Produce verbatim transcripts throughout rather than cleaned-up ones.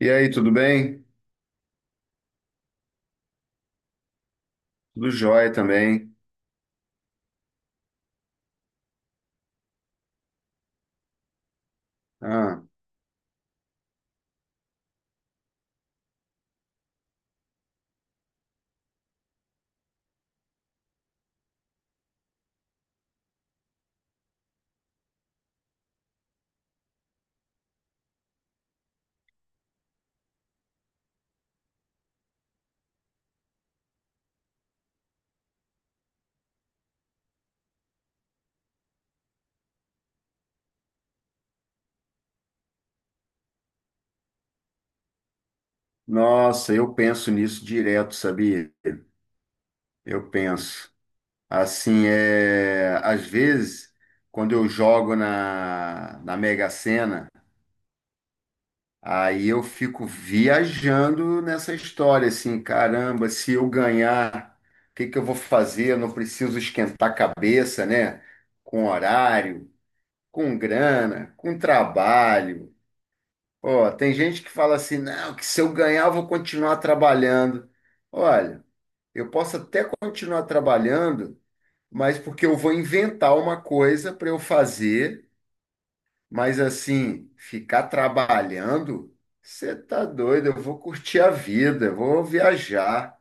E aí, tudo bem? Tudo jóia também. Ah, nossa, eu penso nisso direto, sabia? Eu penso. Assim, é, às vezes, quando eu jogo na, na Mega Sena, aí eu fico viajando nessa história, assim, caramba, se eu ganhar, o que que eu vou fazer? Eu não preciso esquentar a cabeça, né? Com horário, com grana, com trabalho. Ó, tem gente que fala assim, não, que se eu ganhar eu vou continuar trabalhando. Olha, eu posso até continuar trabalhando, mas porque eu vou inventar uma coisa para eu fazer, mas assim, ficar trabalhando, você tá doido, eu vou curtir a vida, eu vou viajar.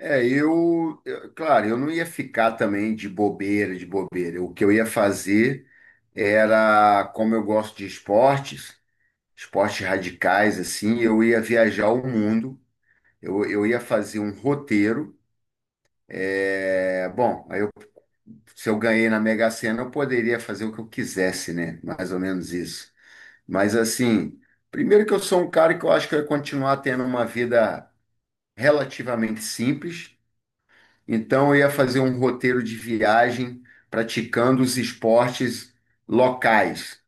É, eu, eu- claro, eu não ia ficar também de bobeira, de bobeira. O que eu ia fazer era, como eu gosto de esportes, esportes radicais, assim, eu ia viajar o mundo, eu, eu ia fazer um roteiro. É, bom, aí eu, Se eu ganhei na Mega Sena, eu poderia fazer o que eu quisesse, né? Mais ou menos isso. Mas, assim, primeiro que eu sou um cara que eu acho que eu ia continuar tendo uma vida relativamente simples, então eu ia fazer um roteiro de viagem praticando os esportes locais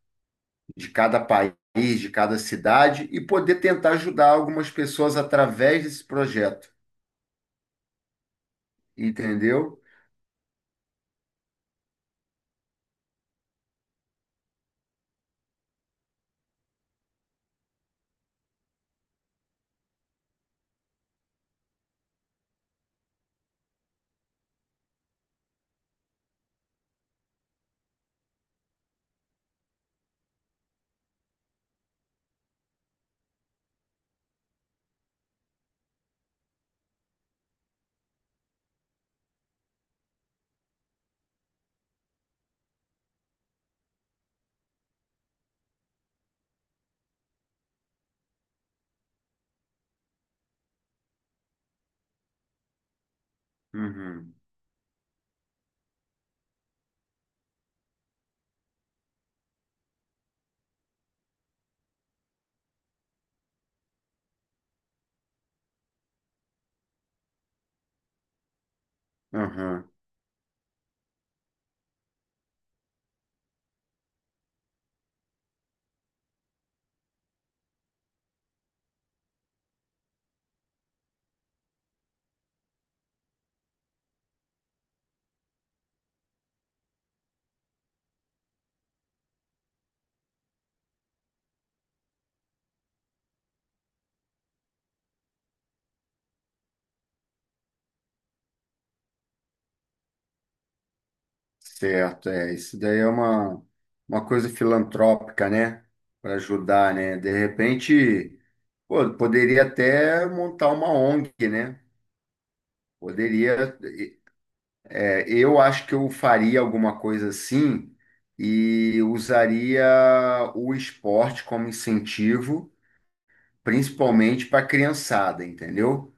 de cada país, de cada cidade, e poder tentar ajudar algumas pessoas através desse projeto, entendeu? Uhum, uhum, certo, é, isso daí é uma, uma coisa filantrópica, né? Para ajudar, né? De repente, pô, poderia até montar uma O N G, né? Poderia, é, eu acho que eu faria alguma coisa assim e usaria o esporte como incentivo principalmente para a criançada, entendeu?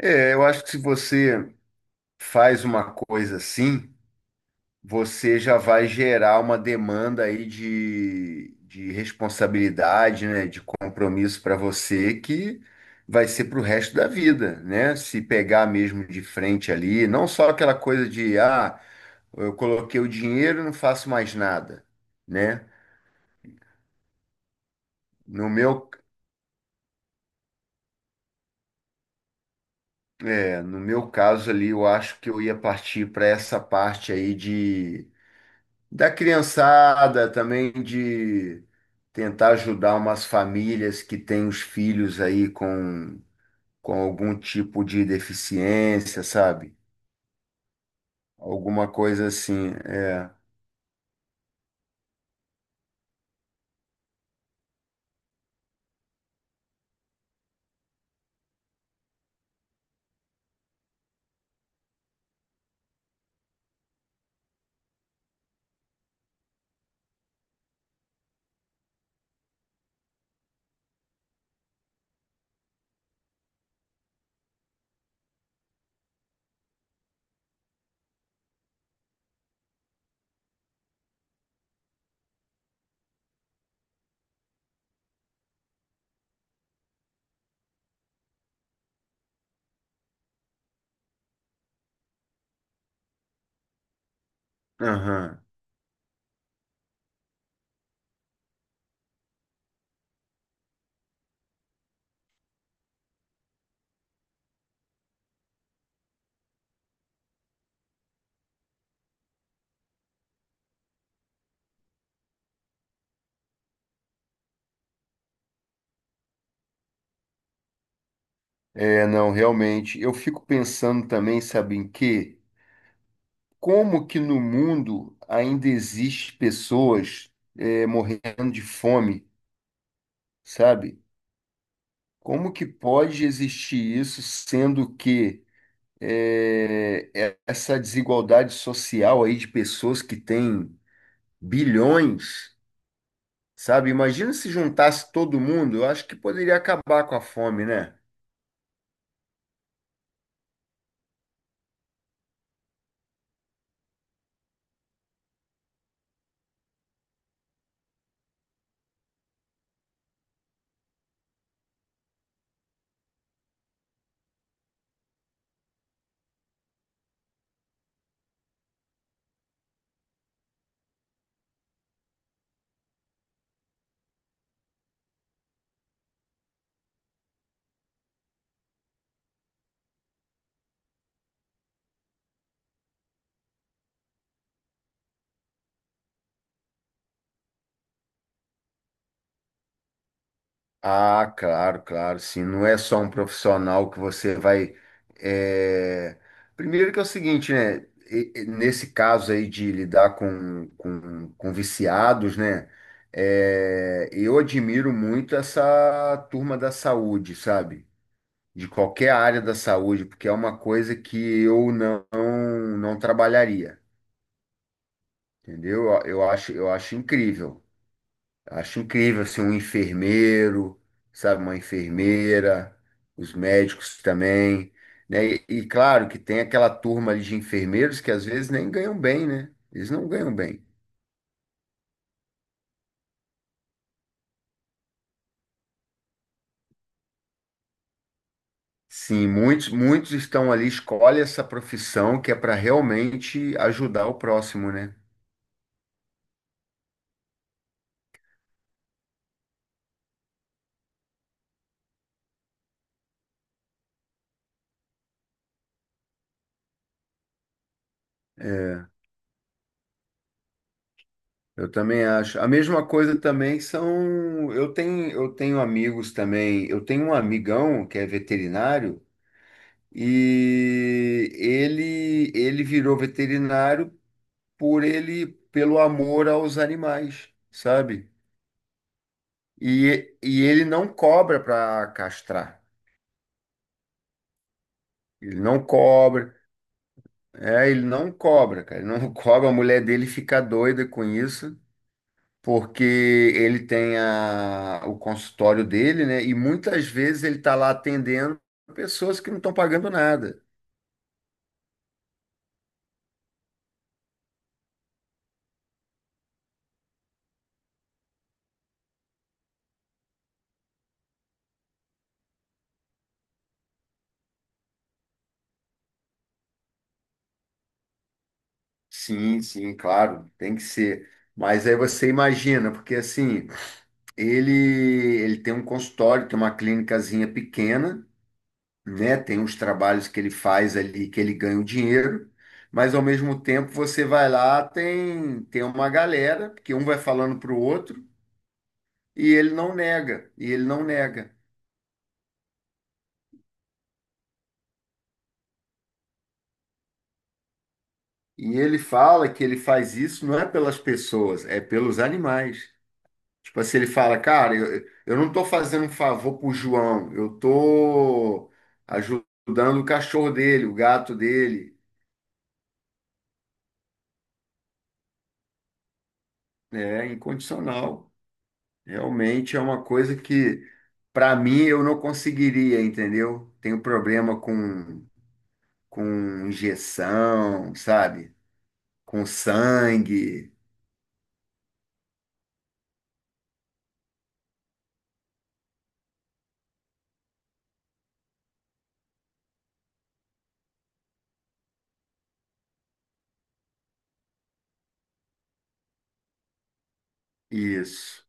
É, eu acho que se você faz uma coisa assim, você já vai gerar uma demanda aí de, de responsabilidade, né, de compromisso para você, que vai ser para o resto da vida, né? Se pegar mesmo de frente ali, não só aquela coisa de, ah, eu coloquei o dinheiro e não faço mais nada, né? No meu, é, no meu caso ali, eu acho que eu ia partir para essa parte aí de da criançada, também de tentar ajudar umas famílias que têm os filhos aí com, com algum tipo de deficiência, sabe? Alguma coisa assim, é. Aham. É, não, Realmente. Eu fico pensando também, sabe em quê? Como que no mundo ainda existe pessoas é, morrendo de fome, sabe? Como que pode existir isso, sendo que é, é essa desigualdade social aí de pessoas que têm bilhões, sabe? Imagina se juntasse todo mundo, eu acho que poderia acabar com a fome, né? Ah, claro, claro, sim. Não é só um profissional que você vai. é, Primeiro que é o seguinte, né? E- e Nesse caso aí de lidar com, com, com viciados, né? É, Eu admiro muito essa turma da saúde, sabe? De qualquer área da saúde, porque é uma coisa que eu não não trabalharia, entendeu? Eu, eu acho eu acho incrível. Acho incrível assim, um enfermeiro, sabe, uma enfermeira, os médicos também, né? E, e claro que tem aquela turma ali de enfermeiros que às vezes nem ganham bem, né? Eles não ganham bem. Sim, muitos muitos estão ali, escolhe essa profissão que é para realmente ajudar o próximo, né? É, Eu também acho. A mesma coisa também são. Eu tenho, eu tenho amigos também. Eu tenho um amigão que é veterinário, e ele, ele virou veterinário por ele, pelo amor aos animais, sabe? E, e ele não cobra para castrar. Ele não cobra. É, ele não cobra, cara. Ele não cobra. A mulher dele fica doida com isso, porque ele tem a- o consultório dele, né? E muitas vezes ele está lá atendendo pessoas que não estão pagando nada. Sim, sim, claro, tem que ser. Mas aí você imagina, porque assim, ele ele tem um consultório, tem uma clínicazinha pequena, né? Tem uns trabalhos que ele faz ali que ele ganha o dinheiro, mas ao mesmo tempo você vai lá, tem tem uma galera, porque um vai falando para o outro, e ele não nega, e ele não nega. E ele fala que ele faz isso não é pelas pessoas, é pelos animais. Tipo assim, ele fala, cara, eu, eu não estou fazendo um favor pro João, eu estou ajudando o cachorro dele, o gato dele. É incondicional. Realmente é uma coisa que, para mim, eu não conseguiria, entendeu? Tenho problema com, com injeção, sabe? Com sangue, isso.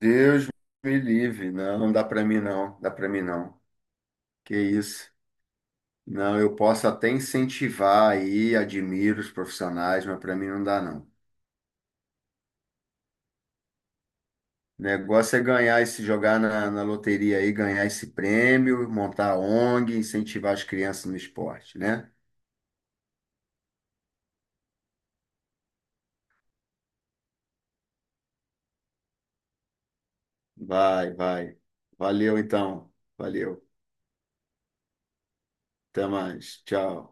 Deus me livre, não, não dá para mim não, dá para mim não. Que isso? Não, eu posso até incentivar aí, admiro os profissionais, mas para mim não dá não. O negócio é ganhar esse, jogar na, na loteria aí, ganhar esse prêmio, montar a O N G, incentivar as crianças no esporte, né? Vai, vai. Valeu então, valeu. Até mais, tchau.